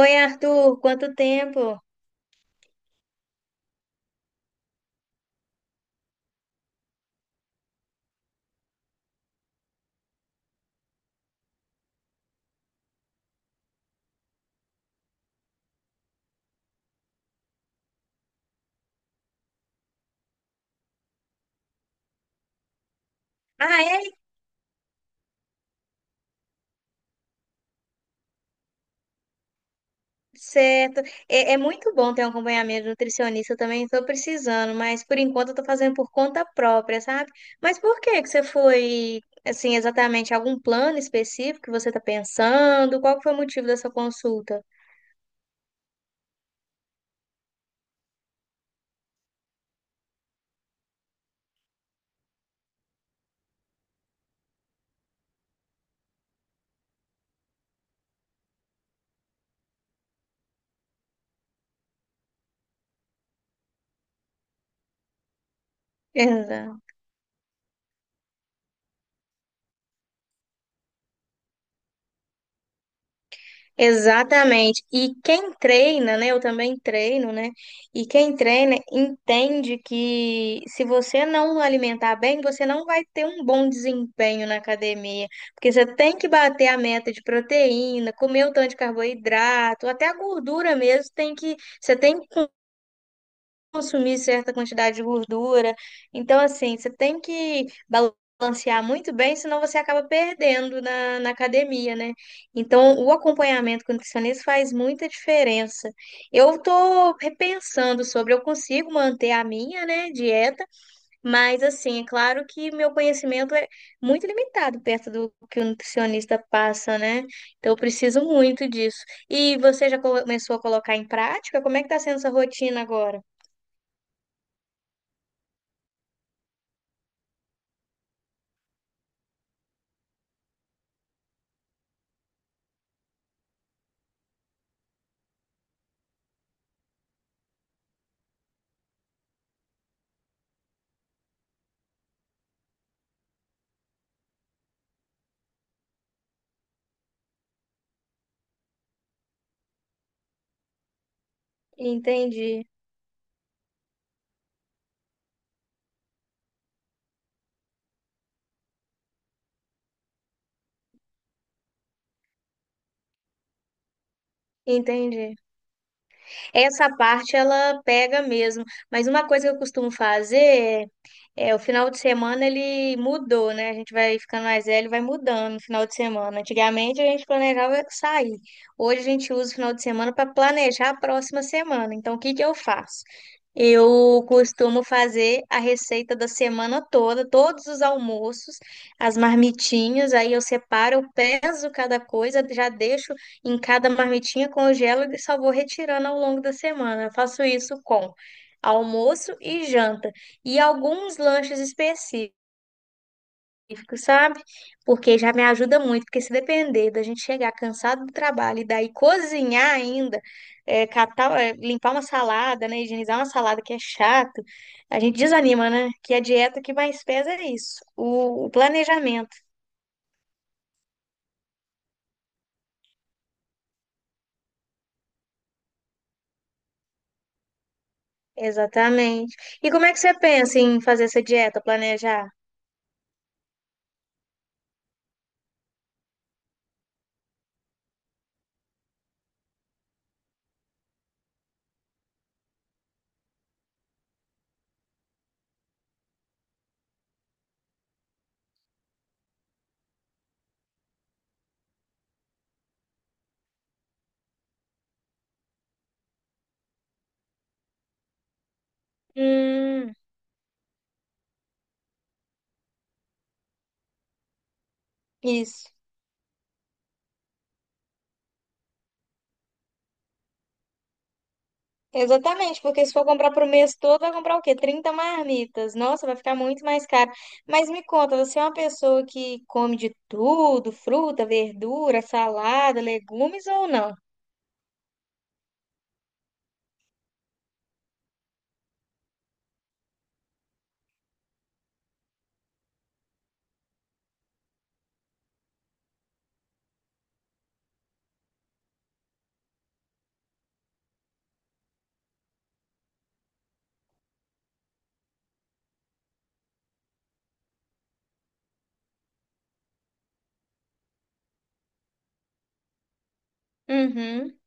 Oi, Arthur, quanto tempo? Ah, é? Certo. É muito bom ter um acompanhamento nutricionista, eu também estou precisando, mas por enquanto eu estou fazendo por conta própria, sabe? Mas por que que você foi, assim, exatamente algum plano específico que você está pensando? Qual que foi o motivo dessa consulta? Exato. Exatamente. E quem treina, né? Eu também treino, né? E quem treina entende que se você não alimentar bem, você não vai ter um bom desempenho na academia. Porque você tem que bater a meta de proteína, comer o tanto de carboidrato, até a gordura mesmo você tem consumir certa quantidade de gordura. Então, assim, você tem que balancear muito bem, senão você acaba perdendo na academia, né? Então, o acompanhamento com o nutricionista faz muita diferença. Eu tô repensando sobre, eu consigo manter a minha, né, dieta, mas, assim, é claro que meu conhecimento é muito limitado perto do que o nutricionista passa, né? Então, eu preciso muito disso. E você já começou a colocar em prática? Como é que tá sendo essa rotina agora? Entendi, entendi. Essa parte ela pega mesmo, mas uma coisa que eu costumo fazer é, é o final de semana ele mudou, né? A gente vai ficando mais velho, e vai mudando no final de semana. Antigamente a gente planejava sair. Hoje a gente usa o final de semana para planejar a próxima semana. Então o que que eu faço? Eu costumo fazer a receita da semana toda, todos os almoços, as marmitinhas, aí eu separo, eu peso cada coisa, já deixo em cada marmitinha, congelo e só vou retirando ao longo da semana. Eu faço isso com almoço e janta e alguns lanches específicos, sabe? Porque já me ajuda muito, porque se depender da gente chegar cansado do trabalho e daí cozinhar ainda, é, catar, é, limpar uma salada, né, higienizar uma salada que é chato, a gente desanima, né? Que a dieta que mais pesa é isso, o planejamento. Exatamente. E como é que você pensa em fazer essa dieta, planejar? Hum, Isso. Exatamente, porque se for comprar pro mês todo, vai comprar o quê? 30 marmitas. Nossa, vai ficar muito mais caro. Mas me conta, você é uma pessoa que come de tudo, fruta, verdura, salada, legumes ou não? Uhum,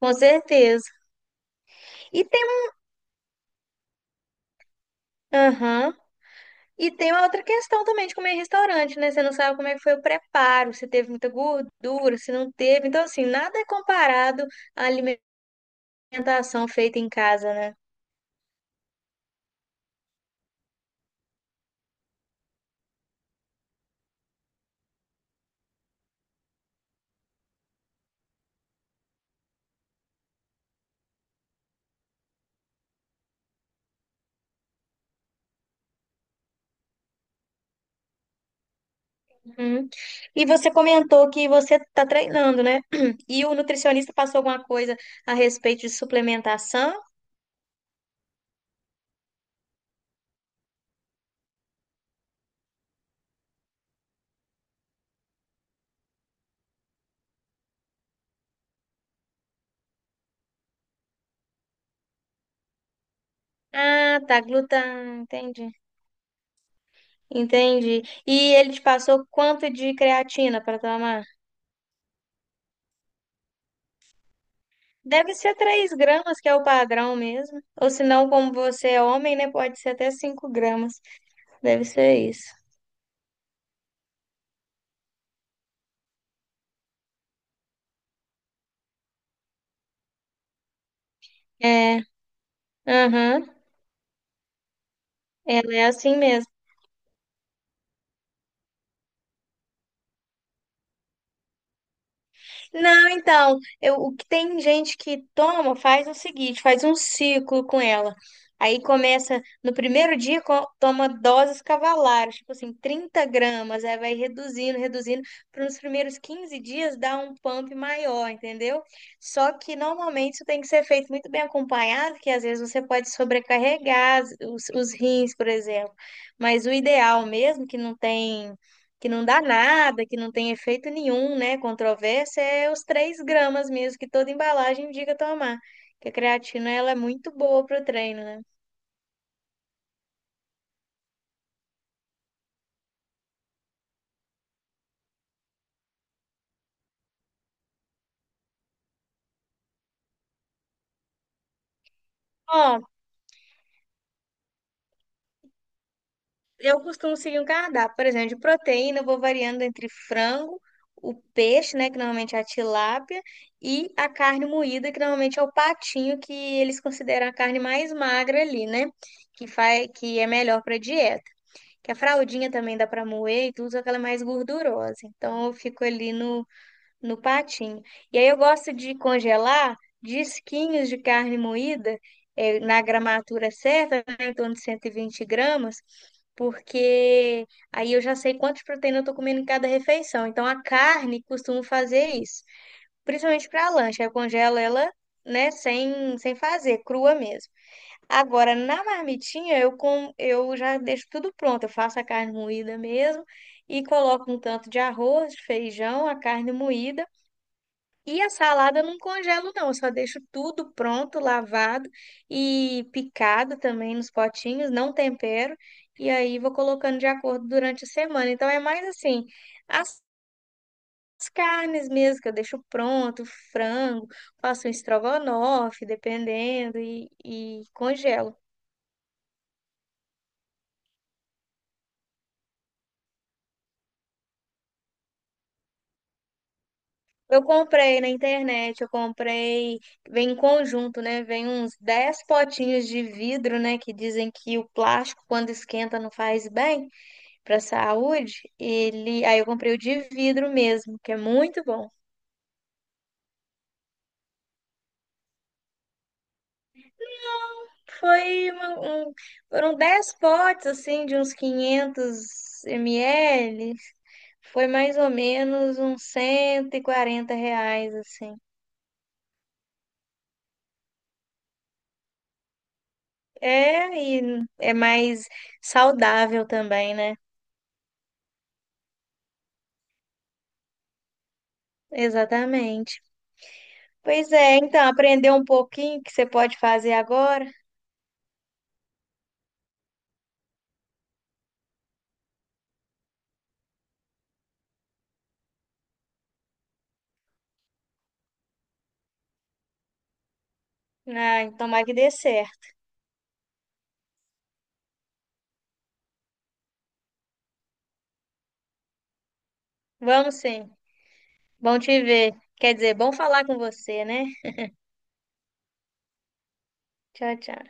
com certeza. E tem, aham. E tem uma outra questão também de comer em restaurante, né? Você não sabe como é que foi o preparo, se teve muita gordura, se não teve. Então, assim, nada é comparado à alimentação feita em casa, né? Uhum. E você comentou que você está treinando, né? E o nutricionista passou alguma coisa a respeito de suplementação? Ah, tá, gluta, entendi. Entendi. E ele te passou quanto de creatina para tomar? Deve ser 3 gramas, que é o padrão mesmo. Ou se não, como você é homem, né? Pode ser até 5 gramas. Deve ser isso. É, aham. Ela é assim mesmo. Não, então, eu, o que tem gente que toma, faz o seguinte, faz um ciclo com ela. Aí começa, no primeiro dia, toma doses cavalares, tipo assim, 30 gramas, aí vai reduzindo, reduzindo, para nos primeiros 15 dias dar um pump maior, entendeu? Só que normalmente isso tem que ser feito muito bem acompanhado, que às vezes você pode sobrecarregar os rins, por exemplo. Mas o ideal mesmo, que não dá nada, que não tem efeito nenhum, né? Controvérsia é os 3 gramas mesmo que toda embalagem indica tomar. Que a creatina ela é muito boa para o treino, né? Ó, eu costumo seguir um cardápio, por exemplo, de proteína, eu vou variando entre frango, o peixe, né, que normalmente é a tilápia, e a carne moída, que normalmente é o patinho, que eles consideram a carne mais magra ali, né? Que faz, que é melhor para dieta. Que a fraldinha também dá para moer e tudo, só que ela é mais gordurosa. Então eu fico ali no patinho. E aí eu gosto de congelar disquinhos de carne moída, eh, na gramatura certa, né, em torno de 120 gramas, porque aí eu já sei quantas proteínas eu estou comendo em cada refeição. Então a carne costumo fazer isso, principalmente para lanche, aí eu congelo ela. Né, sem, sem fazer, crua mesmo. Agora, na marmitinha, eu já deixo tudo pronto. Eu faço a carne moída mesmo e coloco um tanto de arroz, de feijão, a carne moída, e a salada eu não congelo, não. Eu só deixo tudo pronto, lavado e picado também nos potinhos, não tempero. E aí vou colocando de acordo durante a semana. Então é mais assim, as as carnes mesmo que eu deixo pronto, frango, faço um estrogonofe, dependendo, e congelo. Eu comprei na internet, eu comprei, vem em conjunto, né? Vem uns 10 potinhos de vidro, né? Que dizem que o plástico, quando esquenta, não faz bem para saúde, ele, aí eu comprei o de vidro mesmo, que é muito bom. Foi uma- um, foram 10 potes assim de uns 500 ml. Foi mais ou menos uns 140 reais assim. É, e é mais saudável também, né? Exatamente. Pois é, então, aprender um pouquinho que você pode fazer agora. Ah, tomara que dê certo. Vamos sim. Bom te ver. Quer dizer, bom falar com você, né? Tchau, tchau.